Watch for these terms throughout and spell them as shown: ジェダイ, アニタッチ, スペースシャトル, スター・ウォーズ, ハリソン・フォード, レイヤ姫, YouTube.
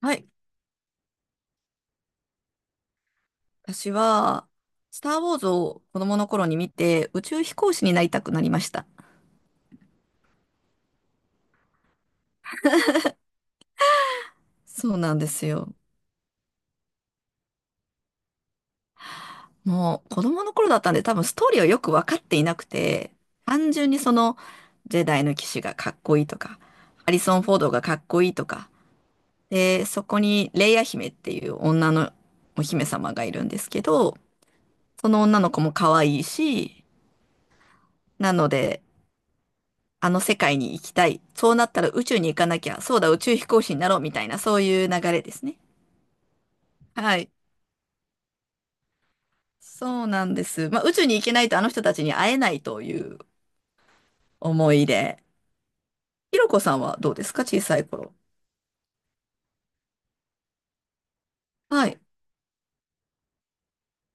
はい。私は、スター・ウォーズを子供の頃に見て、宇宙飛行士になりたくなりました。そうなんですよ。もう、子供の頃だったんで、多分ストーリーをよく分かっていなくて、単純にジェダイの騎士がかっこいいとか、ハリソン・フォードがかっこいいとか、で、そこにレイヤ姫っていう女のお姫様がいるんですけど、その女の子も可愛いし、なので、あの世界に行きたい。そうなったら宇宙に行かなきゃ。そうだ、宇宙飛行士になろうみたいな、そういう流れですね。はい。そうなんです。まあ、宇宙に行けないとあの人たちに会えないという思いで。ひろこさんはどうですか？小さい頃。はい。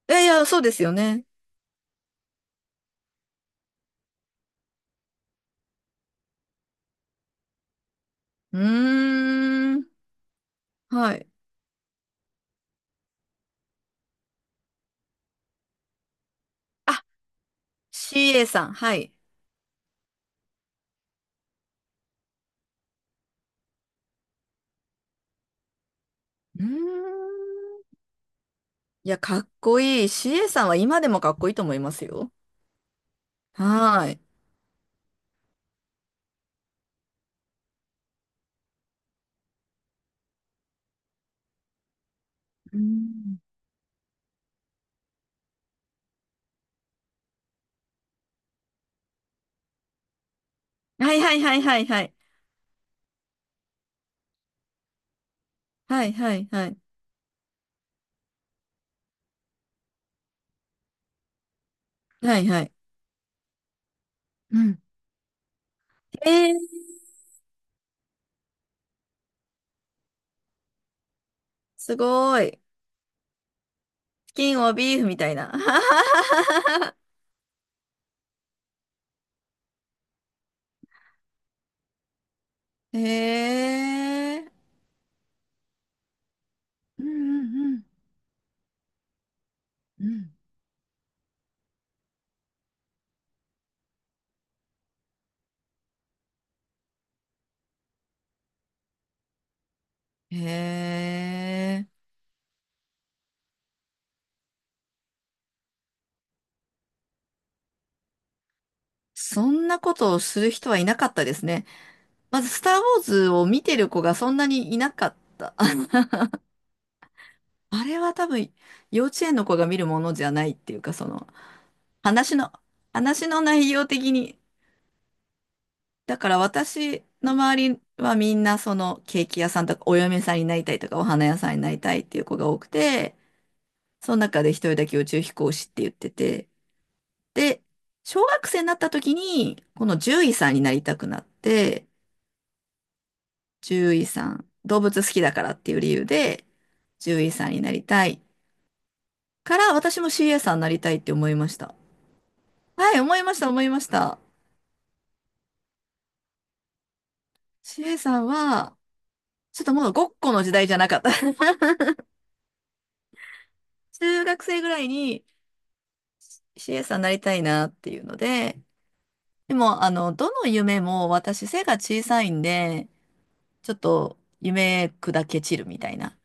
いやいや、そうですよね。うーん。はい。あ、CA さん。はい。うーん。いや、かっこいい。CA さんは今でもかっこいいと思いますよ。はーい。うん。はいはいはいはいはい。はいはいはい。はいはい。うん。えー、すごい。チキンをビーフみたいな。へえ。うんうんうんうん。へえ。そんなことをする人はいなかったですね。まず、スター・ウォーズを見てる子がそんなにいなかった。あ、あれは多分、幼稚園の子が見るものじゃないっていうか、話の、話の内容的に、だから私の周りはみんなそのケーキ屋さんとかお嫁さんになりたいとかお花屋さんになりたいっていう子が多くて、その中で一人だけ宇宙飛行士って言ってて、で、小学生になった時にこの獣医さんになりたくなって、獣医さん、動物好きだからっていう理由で獣医さんになりたいから私も CA さんになりたいって思いました。はい、思いました、思いました。CA さんは、ちょっともうごっこの時代じゃなかった。中学生ぐらいに、CA さんになりたいなっていうので、でも、どの夢も私背が小さいんで、ちょっと夢砕け散るみたいな。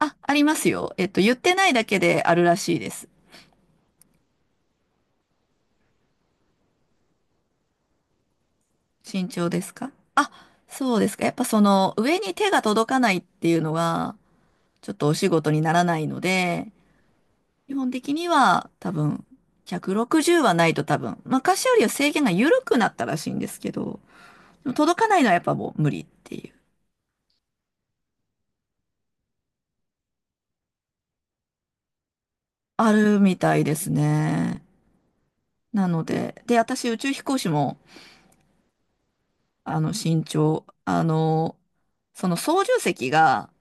あ、ありますよ。えっと、言ってないだけであるらしいです。身長ですかあ、そうですか。やっぱその上に手が届かないっていうのが、ちょっとお仕事にならないので、基本的には多分、160はないと多分、昔よりは制限が緩くなったらしいんですけど、でも届かないのはやっぱもう無理っていう。あるみたいですね。なので、で、私宇宙飛行士も、あの、身長、その操縦席が、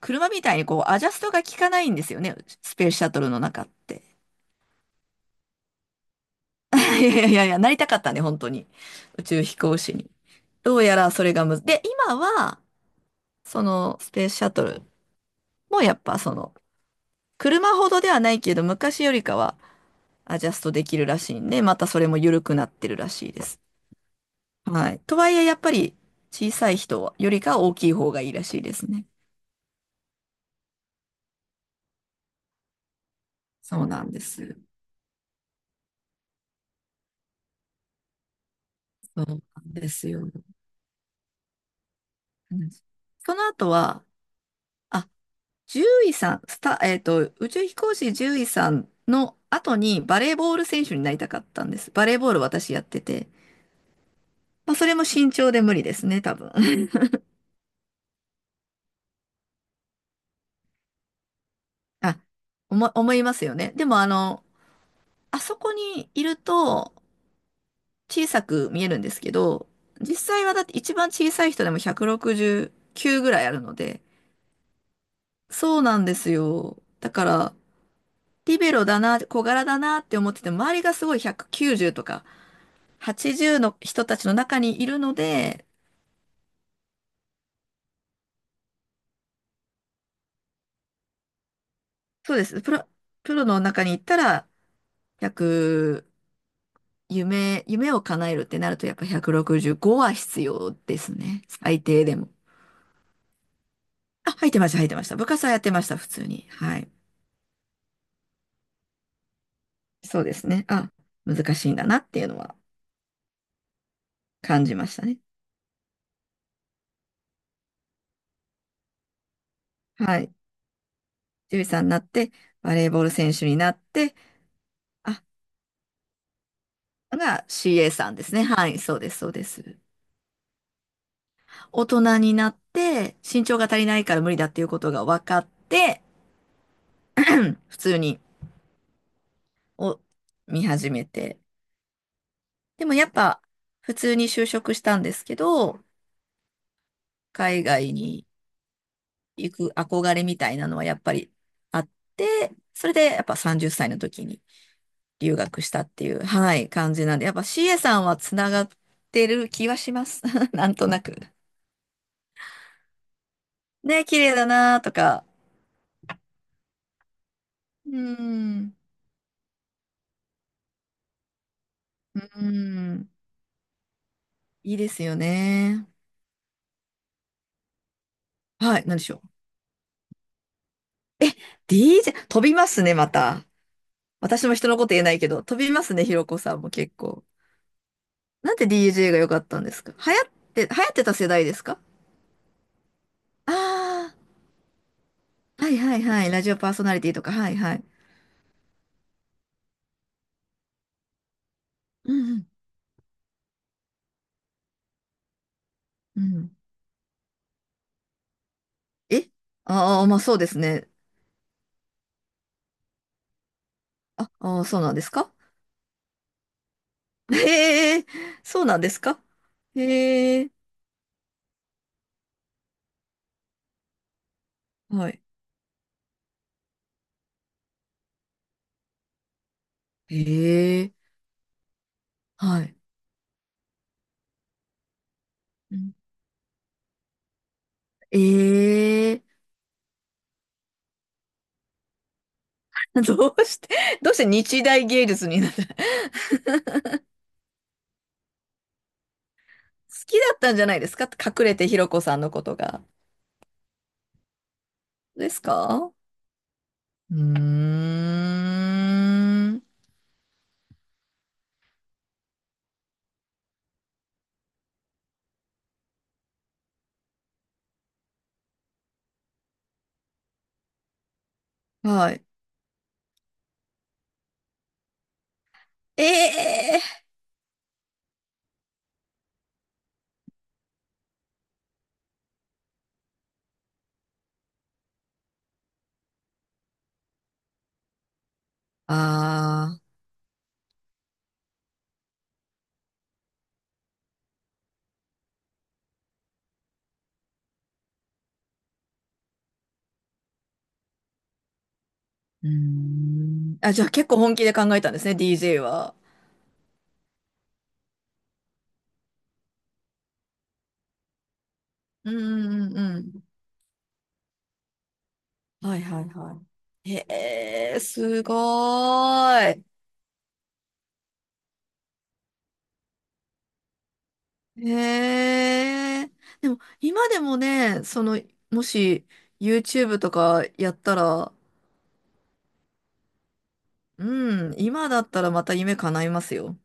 車みたいにこう、アジャストが効かないんですよね、スペースシャトルの中って。いやいやいや、なりたかったね、本当に。宇宙飛行士に。どうやらそれがむず、で、今は、そのスペースシャトルもやっぱその、車ほどではないけど、昔よりかはアジャストできるらしいんで、またそれも緩くなってるらしいです。はい。とはいえ、やっぱり小さい人はよりか大きい方がいいらしいですね。そうなんです。そうなんですよ。うん。その後は、あ、獣医さん、スタ、宇宙飛行士獣医さんの後にバレーボール選手になりたかったんです。バレーボール私やってて。まあ、それも身長で無理ですね、多分。あ、思、思いますよね。でも、あそこにいると、小さく見えるんですけど、実際はだって一番小さい人でも169ぐらいあるので、そうなんですよ。だから、リベロだな、小柄だなって思ってても、周りがすごい190とか80の人たちの中にいるので、そうです。プロ、プロの中に行ったら、1夢、夢を叶えるってなると、やっぱ165は必要ですね。最低でも。あ、入ってました、入ってました。部活はやってました、普通に。はい。そうですね。あ、難しいんだなっていうのは感じましたね。はい。獣医さんになって、バレーボール選手になって、あ、が CA さんですね。はい、そうです、そうです。大人になって、身長が足りないから無理だっていうことが分かって、普通に、を見始めて。でもやっぱ、普通に就職したんですけど、海外に行く憧れみたいなのはやっぱりあって、それでやっぱ30歳の時に留学したっていう、はい、感じなんで、やっぱ CA さんはつながってる気はします。なんとなく。ね、綺麗だなとか。うーん。うーん、いいですよね。はい、何でしょう。え、DJ、飛びますね、また。私も人のこと言えないけど、飛びますね、ひろこさんも結構。なんで DJ が良かったんですか？流行って、流行ってた世代ですか？ああー、はいはいはい、ラジオパーソナリティとか、はいはい。うんうん、うん。え、ああー、まあそうですね。あ、あー、そうなんですか？ へえ、そうなんですか？へえ、はい。へえ、はい。うん。ええ、どうして、どうして日大芸術になった？ 好きだったんじゃないですか？隠れてひろこさんのことが。ですか？うーん。はい。ええ、ああー、うーん。あ、じゃあ結構本気で考えたんですね、DJ は。うんうんうん。はいはいはい。へえ、すごーい。へえ。でも、今でもね、その、もし、YouTube とかやったら、うん、今だったらまた夢叶いますよ。